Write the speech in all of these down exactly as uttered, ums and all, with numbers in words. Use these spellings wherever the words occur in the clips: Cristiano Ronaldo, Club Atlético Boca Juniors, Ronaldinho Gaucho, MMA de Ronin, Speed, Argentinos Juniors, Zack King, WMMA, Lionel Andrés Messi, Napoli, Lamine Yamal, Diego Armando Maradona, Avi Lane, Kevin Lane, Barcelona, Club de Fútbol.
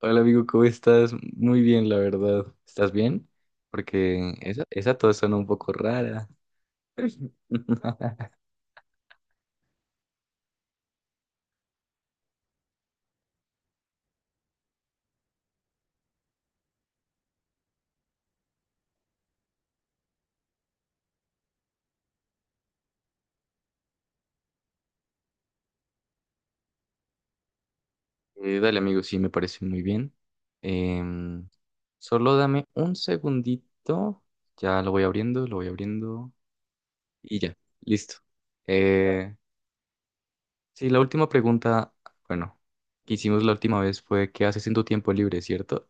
Hola amigo, ¿cómo estás? Muy bien, la verdad. ¿Estás bien? Porque esa, esa tos suena un poco rara. Eh, dale amigo, sí, me parece muy bien. Em, Solo dame un segundito. Ya lo voy abriendo, lo voy abriendo. Y ya, listo. Eh, sí, la última pregunta, bueno, que hicimos la última vez fue, ¿qué haces en tu tiempo libre, cierto?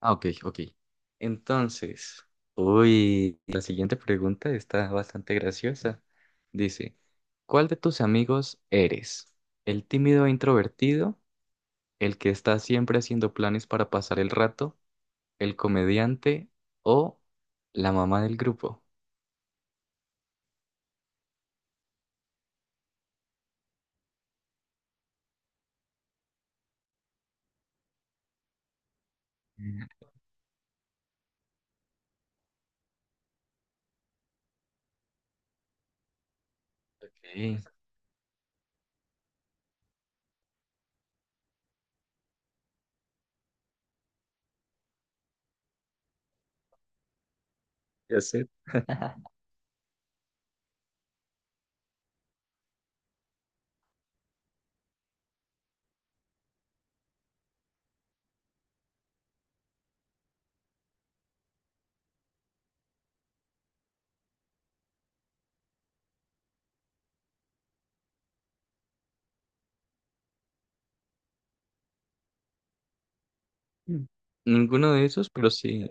Ah, ok, ok. Entonces, uy, la siguiente pregunta está bastante graciosa. Dice, ¿cuál de tus amigos eres? ¿El tímido e introvertido? ¿El que está siempre haciendo planes para pasar el rato? ¿El comediante o la mamá del grupo? Mm, ok, ya sé. Mm. Ninguno de esos, pero sí.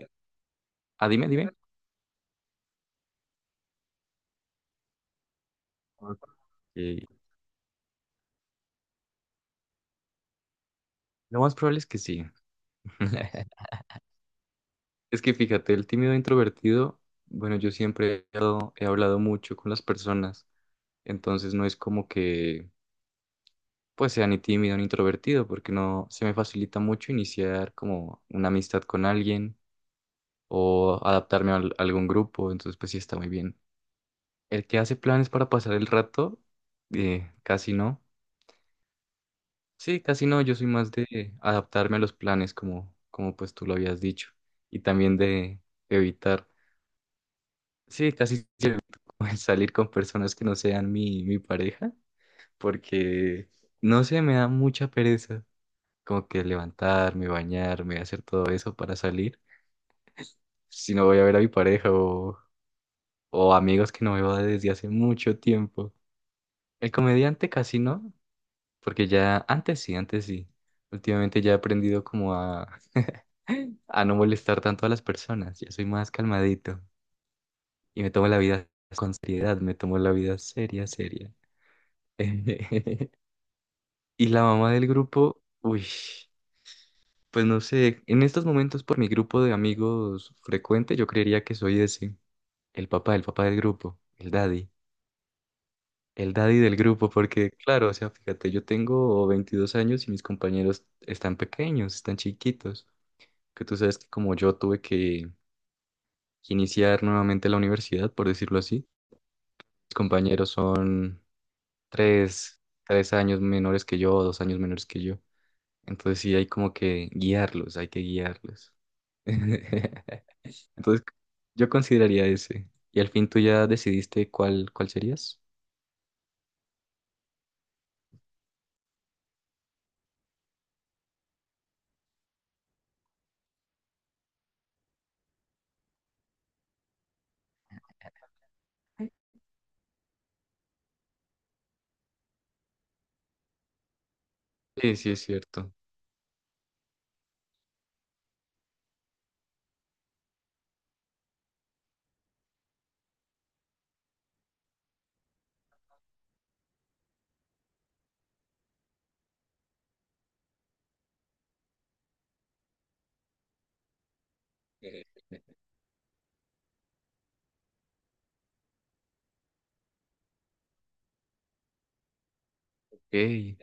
Ah, dime, dime. Ok, lo más probable es que sí. Es que fíjate, el tímido introvertido, bueno, yo siempre he hablado, he hablado mucho con las personas, entonces no es como que pues sea ni tímido ni introvertido, porque no se me facilita mucho iniciar como una amistad con alguien o adaptarme a al- algún grupo, entonces pues sí está muy bien. El que hace planes para pasar el rato, eh, casi no. Sí, casi no, yo soy más de adaptarme a los planes como, como pues tú lo habías dicho y también de evitar. Sí, casi. Pues, salir con personas que no sean mi, mi pareja, porque no sé, me da mucha pereza como que levantarme, bañarme, hacer todo eso para salir, si no voy a ver a mi pareja o, o amigos que no veo desde hace mucho tiempo. El comediante casi no, porque ya antes sí, antes sí. Últimamente ya he aprendido como a, a no molestar tanto a las personas, ya soy más calmadito y me tomo la vida con seriedad, me tomo la vida seria, seria. Y la mamá del grupo, uy, pues no sé, en estos momentos por mi grupo de amigos frecuente, yo creería que soy ese, el papá, el papá del grupo, el daddy, el daddy del grupo, porque claro, o sea, fíjate, yo tengo veintidós años y mis compañeros están pequeños, están chiquitos, que tú sabes que como yo tuve que iniciar nuevamente la universidad, por decirlo así, mis compañeros son tres, tres años menores que yo, dos años menores que yo. Entonces sí hay como que guiarlos, hay que guiarlos. Entonces yo consideraría ese. ¿Y al fin tú ya decidiste cuál, cuál serías? Sí, sí, es cierto. Ok, ok.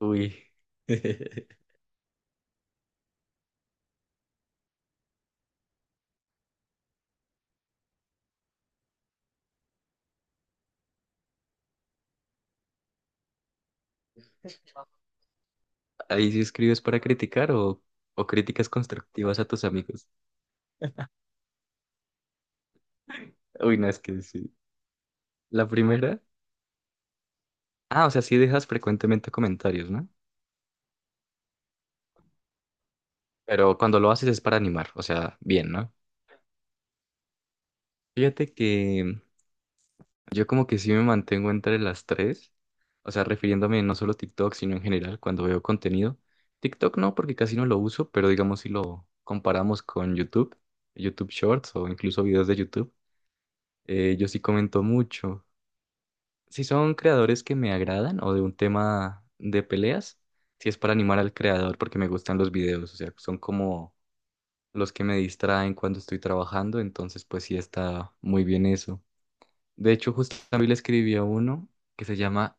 Uy. Ahí sí escribes para criticar o, o críticas constructivas a tus amigos. Uy, no, es que sí. La primera. Ah, o sea, sí dejas frecuentemente comentarios, ¿no? Pero cuando lo haces es para animar, o sea, bien, ¿no? Fíjate que yo como que sí me mantengo entre las tres, o sea, refiriéndome no solo a TikTok, sino en general cuando veo contenido. TikTok no, porque casi no lo uso, pero digamos si lo comparamos con YouTube, YouTube Shorts o incluso videos de YouTube, eh, yo sí comento mucho. Si son creadores que me agradan o de un tema de peleas, si es para animar al creador porque me gustan los videos, o sea, son como los que me distraen cuando estoy trabajando, entonces pues sí está muy bien eso. De hecho, justo también le escribí a uno que se llama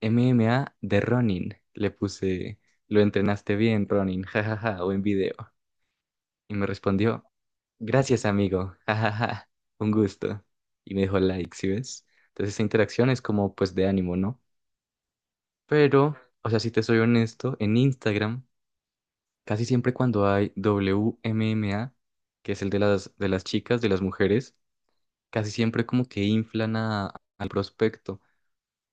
M M A de Ronin. Le puse, lo entrenaste bien, Ronin, jajaja, buen video. Y me respondió, gracias, amigo, jajaja, un gusto. Y me dejó like, ¿sí ves? Entonces esa interacción es como, pues, de ánimo, ¿no? Pero, o sea, si te soy honesto, en Instagram, casi siempre cuando hay W M M A, que es el de las, de las chicas, de las mujeres, casi siempre como que inflan a- al prospecto.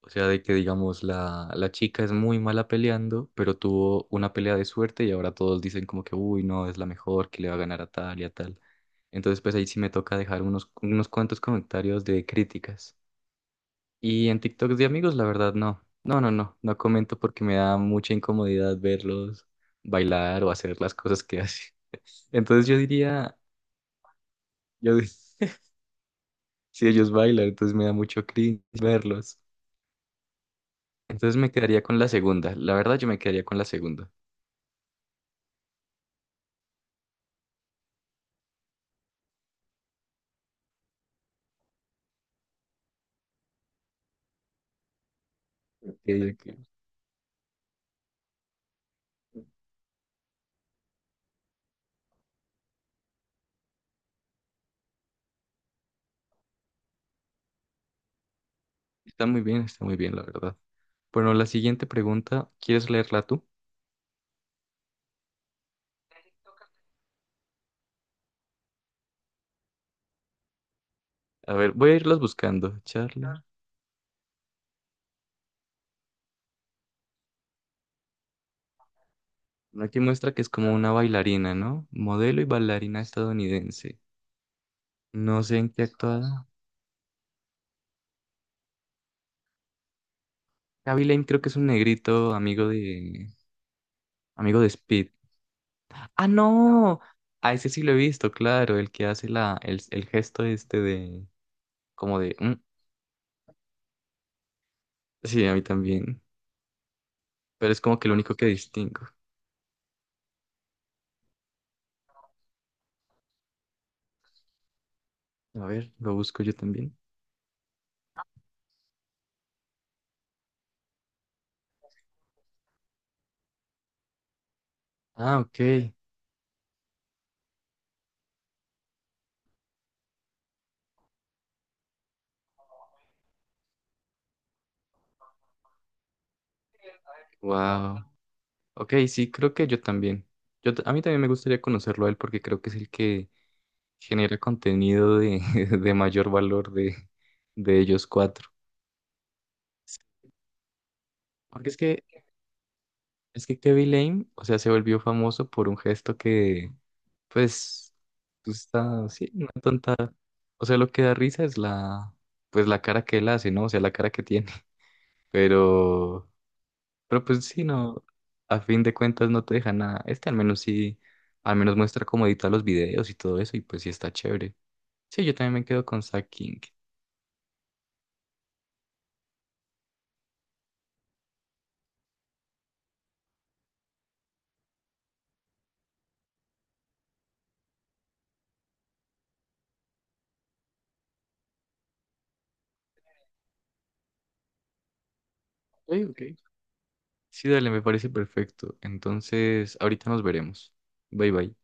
O sea, de que digamos la, la chica es muy mala peleando, pero tuvo una pelea de suerte y ahora todos dicen como que, uy, no, es la mejor, que le va a ganar a tal y a tal. Entonces, pues ahí sí me toca dejar unos, unos cuantos comentarios de críticas. Y en TikToks de amigos, la verdad, no. No, no, no, no comento porque me da mucha incomodidad verlos bailar o hacer las cosas que hacen. Entonces yo diría, yo di- si ellos bailan, entonces me da mucho cringe verlos. Entonces me quedaría con la segunda. La verdad, yo me quedaría con la segunda. Ok, ok. Está muy bien, está muy bien, la verdad. Bueno, la siguiente pregunta, ¿quieres leerla tú? A ver, voy a irlas buscando. Charlie. Aquí muestra que es como una bailarina, ¿no? Modelo y bailarina estadounidense. No sé en qué actuada. Avi Lane creo que es un negrito amigo de... amigo de Speed. ¡Ah, no! A ese sí lo he visto, claro, el que hace la... el, el gesto este de, como de, "Mm". Sí, a mí también. Pero es como que lo único que distingo. A ver, lo busco yo también. Ah, ok. Wow. Ok, sí, creo que yo también. Yo, t- a mí también me gustaría conocerlo a él porque creo que es el que genera contenido de, de, mayor valor de, de ellos cuatro. Sí, porque es que, es que Kevin Lane, o sea, se volvió famoso por un gesto que, pues, pues está, sí, una tonta. O sea, lo que da risa es la, pues la cara que él hace, ¿no? O sea, la cara que tiene. Pero Pero pues sí, no, a fin de cuentas no te deja nada. Este al menos sí, al menos muestra cómo editar los videos y todo eso, y pues sí está chévere. Sí, yo también me quedo con Zack King. Ok, ok. Sí, dale, me parece perfecto. Entonces, ahorita nos veremos. Bye bye.